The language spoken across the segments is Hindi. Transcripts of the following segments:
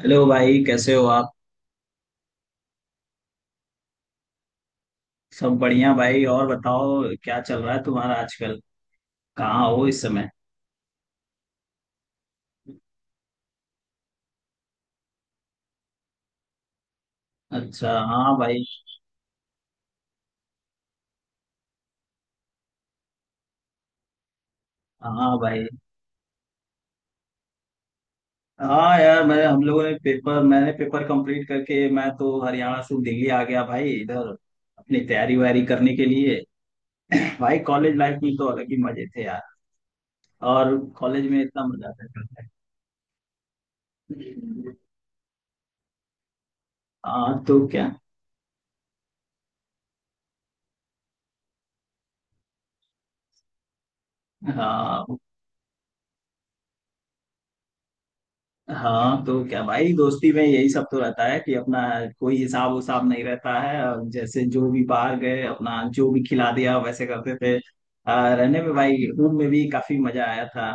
हेलो भाई कैसे हो आप। सब बढ़िया भाई। और बताओ क्या चल रहा है तुम्हारा आजकल। कहाँ हो इस समय। अच्छा, हाँ भाई। हाँ भाई। हाँ यार, मैं हम लोगों ने पेपर मैंने पेपर कंप्लीट करके मैं तो हरियाणा से दिल्ली आ गया भाई इधर अपनी तैयारी वैयारी करने के लिए। भाई कॉलेज लाइफ में तो अलग ही मजे थे यार। और कॉलेज में इतना मजा आता था। हाँ तो क्या। हाँ। हाँ तो क्या भाई, दोस्ती में यही सब तो रहता है कि अपना कोई हिसाब उसाब नहीं रहता है, और जैसे जो भी बाहर गए अपना जो भी खिला दिया वैसे करते थे। रहने में भाई रूम में भी काफी मजा आया था।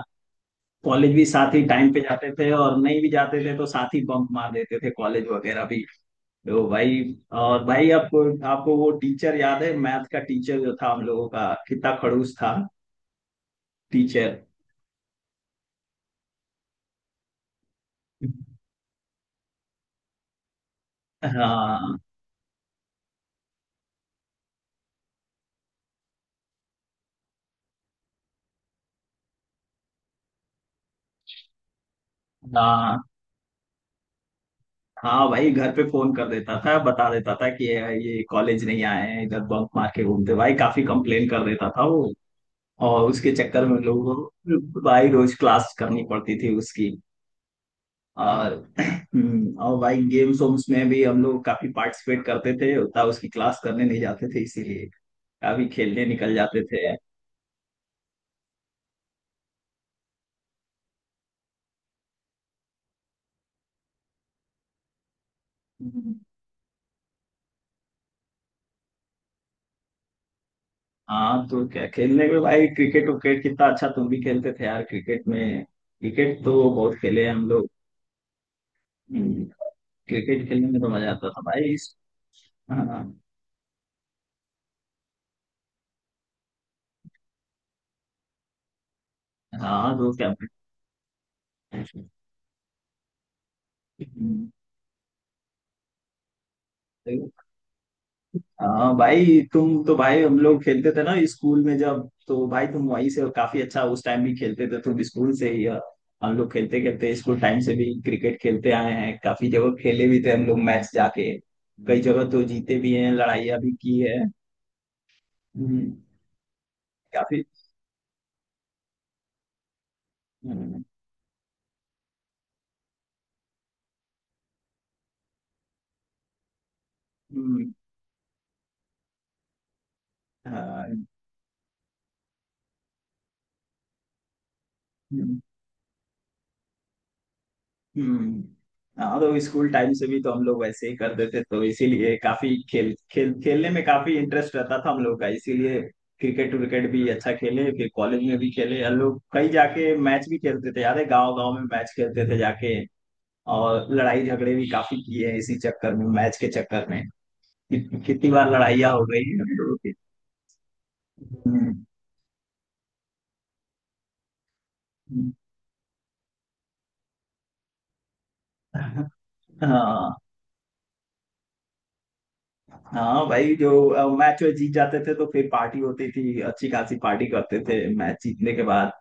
कॉलेज भी साथ ही टाइम पे जाते थे, और नहीं भी जाते थे तो साथ ही बंक मार देते थे कॉलेज वगैरह भी। तो भाई। और भाई आपको आपको वो टीचर याद है, मैथ का टीचर जो था हम लोगों का कितना खड़ूस था टीचर। हाँ हाँ। हाँ भाई, घर पे फोन कर देता था, बता देता था कि ये कॉलेज नहीं आए हैं, इधर बंक मार के घूमते भाई, काफी कंप्लेन कर देता था वो। और उसके चक्कर में लोगों को भाई रोज क्लास करनी पड़ती थी उसकी। और और भाई गेम्स वेम्स में भी हम लोग काफी पार्टिसिपेट करते थे, उतना उसकी क्लास करने नहीं जाते थे इसीलिए, काफी खेलने निकल जाते थे। हम्म। हाँ तो क्या खेलने में भाई, क्रिकेट विकेट कितना अच्छा तुम भी खेलते थे यार, क्रिकेट में क्रिकेट तो बहुत खेले हैं हम लोग। हम्म, क्रिकेट खेलने में तो मजा आता था भाई हाँ। हाँ तो क्या। हम्म, तो- हाँ भाई, तुम तो भाई हम लोग खेलते थे ना स्कूल में जब, तो भाई तुम वहीं से काफी अच्छा उस टाइम भी खेलते थे, तुम स्कूल से ही हम लोग खेलते खेलते स्कूल टाइम से भी क्रिकेट खेलते आए हैं, काफी जगह खेले भी थे हम लोग मैच जाके, कई जगह तो जीते भी हैं, लड़ाइयाँ भी की है। हम्म। काफी। हम्म। हम्म। हाँ। हम्म। हम्म। हाँ तो स्कूल टाइम से भी तो हम लोग वैसे ही करते थे, तो इसीलिए काफी खेल खेल खेलने में काफी इंटरेस्ट रहता था हम लोग का, इसीलिए क्रिकेट विकेट भी अच्छा खेले, फिर कॉलेज में भी खेले हम लोग, कहीं जाके मैच भी खेलते थे, याद है गांव गांव में मैच खेलते थे जाके। और लड़ाई झगड़े भी काफी किए हैं इसी चक्कर में, मैच के चक्कर में कितनी बार लड़ाइयाँ हो गई हैं हम लोगों की। हम्म। हम्म। हाँ, हाँ भाई, जो मैच वैच जीत जाते थे तो फिर पार्टी होती थी, अच्छी खासी पार्टी करते थे मैच जीतने के बाद,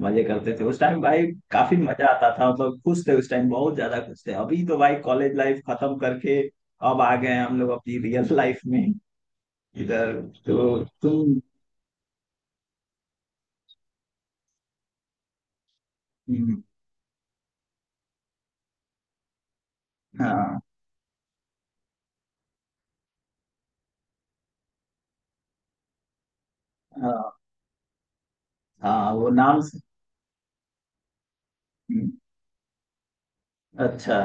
मजे करते थे उस टाइम भाई। काफी मजा आता था, मतलब खुश थे उस टाइम, बहुत ज्यादा खुश थे। अभी तो भाई कॉलेज लाइफ खत्म करके अब आ गए हैं हम लोग अपनी रियल लाइफ में इधर। तो तुम। हम्म। हाँ, हाँ, हाँ। वो नाम से। हम्म। अच्छा।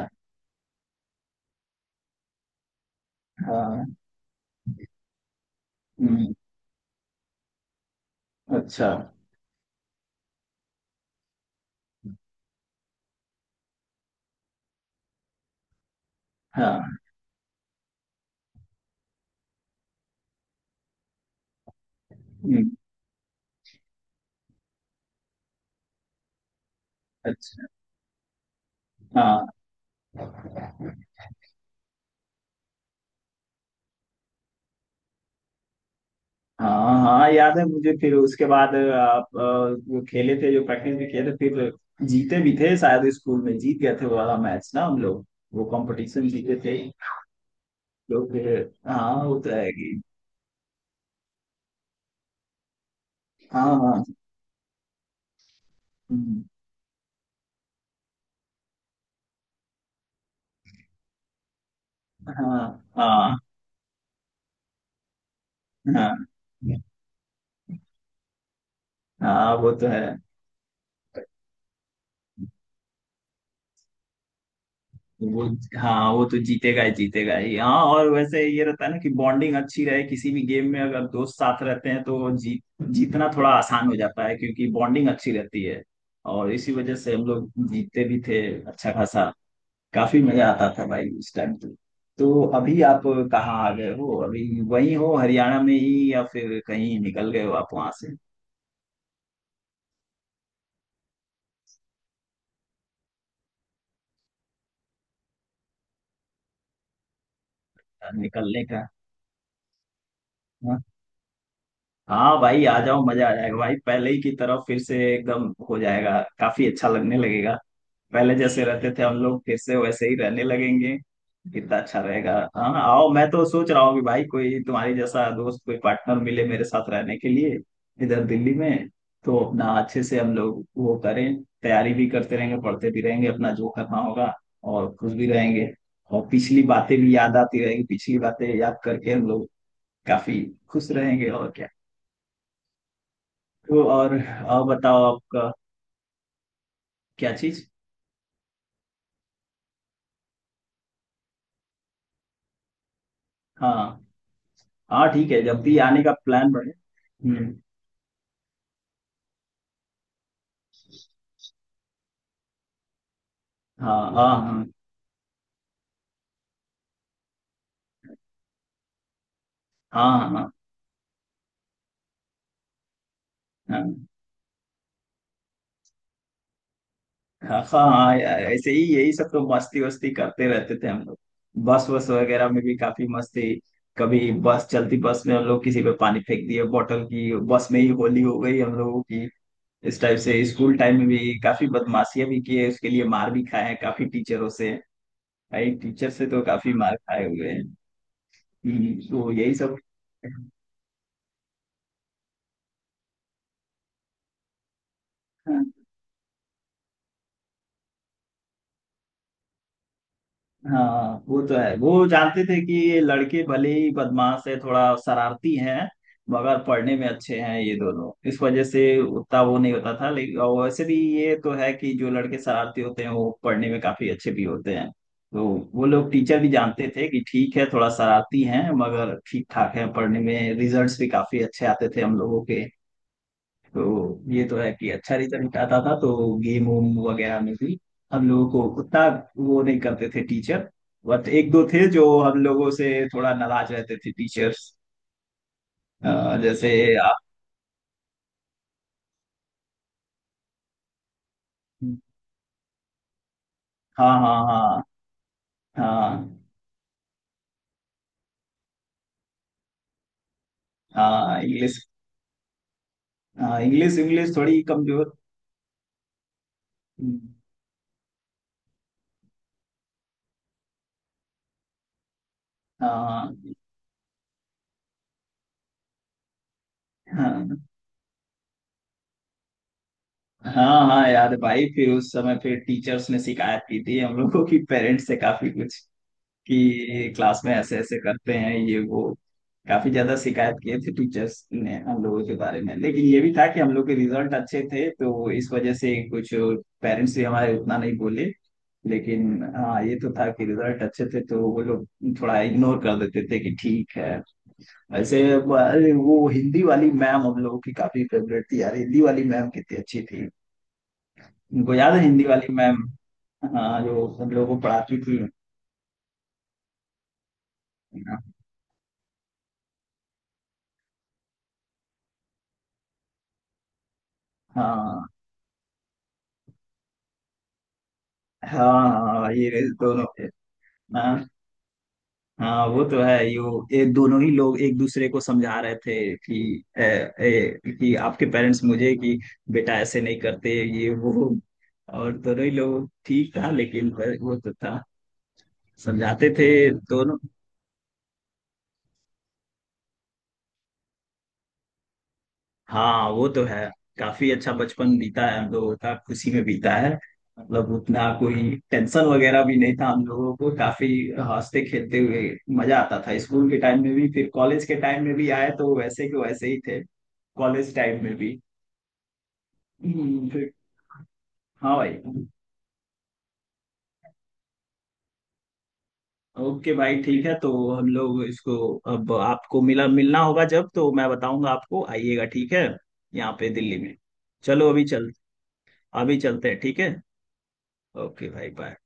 हाँ। हम्म। अच्छा। हाँ। हम्म। अच्छा। हाँ, हाँ, हाँ याद है मुझे। फिर उसके बाद आप वो खेले थे, जो प्रैक्टिस भी किए थे फिर, जीते भी थे शायद स्कूल में, जीत गए थे वो वाला मैच ना हम लोग, वो कंपटीशन जीते थे। तो फिर। हाँ वो तो है कि। हाँ। हाँ। हम्म। हाँ। हाँ। हाँ। हाँ वो तो है वो। हाँ वो तो जीतेगा ही, जीतेगा ही। हाँ, और वैसे ये रहता है ना कि बॉन्डिंग अच्छी रहे, किसी भी गेम में अगर दोस्त साथ रहते हैं तो जीतना थोड़ा आसान हो जाता है, क्योंकि बॉन्डिंग अच्छी रहती है। और इसी वजह से हम लोग जीतते भी थे अच्छा खासा। काफी मजा आता था भाई उस टाइम तो। तो अभी आप कहाँ आ गए हो, अभी वहीं हो हरियाणा में ही, या फिर कहीं निकल गए हो आप वहां से निकलने का। हाँ, हाँ भाई आ जाओ, मजा आ जाएगा भाई, पहले ही की तरह फिर से एकदम हो जाएगा, काफी अच्छा लगने लगेगा। पहले जैसे रहते थे हम लोग फिर से वैसे ही रहने लगेंगे। कितना अच्छा रहेगा, हाँ आओ, मैं तो सोच रहा हूँ कि भाई कोई तुम्हारे जैसा दोस्त, कोई पार्टनर मिले मेरे साथ रहने के लिए इधर दिल्ली में। तो अपना अच्छे से हम लोग वो करें, तैयारी भी करते रहेंगे, पढ़ते भी रहेंगे, अपना जो करना होगा, और खुश भी रहेंगे, और पिछली बातें भी याद आती रहेगी, पिछली बातें याद करके हम लोग काफी खुश रहेंगे और क्या। तो और बताओ आपका क्या चीज। हाँ, हाँ ठीक है, जब भी आने का प्लान बने। हम्म। हाँ। हाँ। हाँ। हाँ। हाँ। हाँ। हाँ। हाँ। हाँ, यार ऐसे ही यही सब तो मस्ती वस्ती करते रहते थे हम लोग, बस वस वगैरह में भी काफी मस्ती। कभी बस चलती बस में हम लोग किसी पे पानी फेंक दिए बोतल की, बस में ही होली हो गई हम लोगों की। इस टाइप से स्कूल टाइम में भी काफी बदमाशियां भी किए, उसके लिए मार भी खाए हैं काफी टीचरों से। भाई टीचर से तो काफी मार खाए हुए हैं। तो यही सब। हाँ। हाँ वो तो है, वो जानते थे कि ये लड़के भले ही बदमाश है, थोड़ा शरारती हैं मगर पढ़ने में अच्छे हैं ये दोनों, इस वजह से उतना वो नहीं होता था। लेकिन और वैसे भी ये तो है कि जो लड़के शरारती होते हैं वो पढ़ने में काफी अच्छे भी होते हैं, तो वो लोग, टीचर भी जानते थे कि ठीक है थोड़ा शरारती हैं मगर ठीक ठाक है पढ़ने में, रिजल्ट्स भी काफी अच्छे आते थे हम लोगों के। तो ये तो है कि अच्छा रिजल्ट आता था तो गेम वोम वगैरह में भी हम लोगों को उतना वो नहीं करते थे टीचर। बट एक दो थे जो हम लोगों से थोड़ा नाराज रहते थे टीचर्स। जैसे आप। हाँ। हाँ। हाँ। हाँ। हाँ इंग्लिश। हाँ इंग्लिश, इंग्लिश थोड़ी कमजोर। हाँ। हाँ। हाँ। हाँ यार भाई फिर उस समय, फिर टीचर्स ने शिकायत की थी हम लोगों की पेरेंट्स से काफी कुछ, कि क्लास में ऐसे ऐसे करते हैं ये वो, काफी ज्यादा शिकायत किए थे टीचर्स ने हम लोगों के बारे में। लेकिन ये भी था कि हम लोग के रिजल्ट अच्छे थे तो इस वजह से कुछ पेरेंट्स भी हमारे उतना नहीं बोले। लेकिन हाँ ये तो था कि रिजल्ट अच्छे थे तो वो लोग थोड़ा इग्नोर कर देते थे कि ठीक है। वैसे अरे वो हिंदी वाली मैम हम लोगों की काफी फेवरेट थी यार, हिंदी वाली मैम कितनी अच्छी थी, उनको याद है हिंदी वाली मैम। हाँ जो हम लोगों को पढ़ाती थी। हाँ। हाँ। हाँ ये दोनों। हाँ। हाँ वो तो है, यो ये दोनों ही लोग एक दूसरे को समझा रहे थे कि ए, ए, कि आपके पेरेंट्स मुझे कि बेटा ऐसे नहीं करते, ये वो। और दोनों ही लोग ठीक था, लेकिन वो तो था, समझाते थे दोनों। हाँ वो तो है, काफी अच्छा बचपन बीता है हम लोगों का, खुशी में बीता है, मतलब उतना कोई टेंशन वगैरह भी नहीं था हम लोगों को, काफी हंसते खेलते हुए मजा आता था स्कूल के टाइम में भी, फिर कॉलेज के टाइम में भी आए तो वैसे के वैसे ही थे, कॉलेज टाइम में भी। फिर। हाँ भाई। ओके भाई ठीक है, तो हम लोग इसको, अब आपको मिला मिलना होगा जब तो मैं बताऊंगा आपको, आइएगा ठीक है, यहाँ पे दिल्ली में। चलो अभी चल। अभी चलते हैं ठीक है। ओके भाई बाय।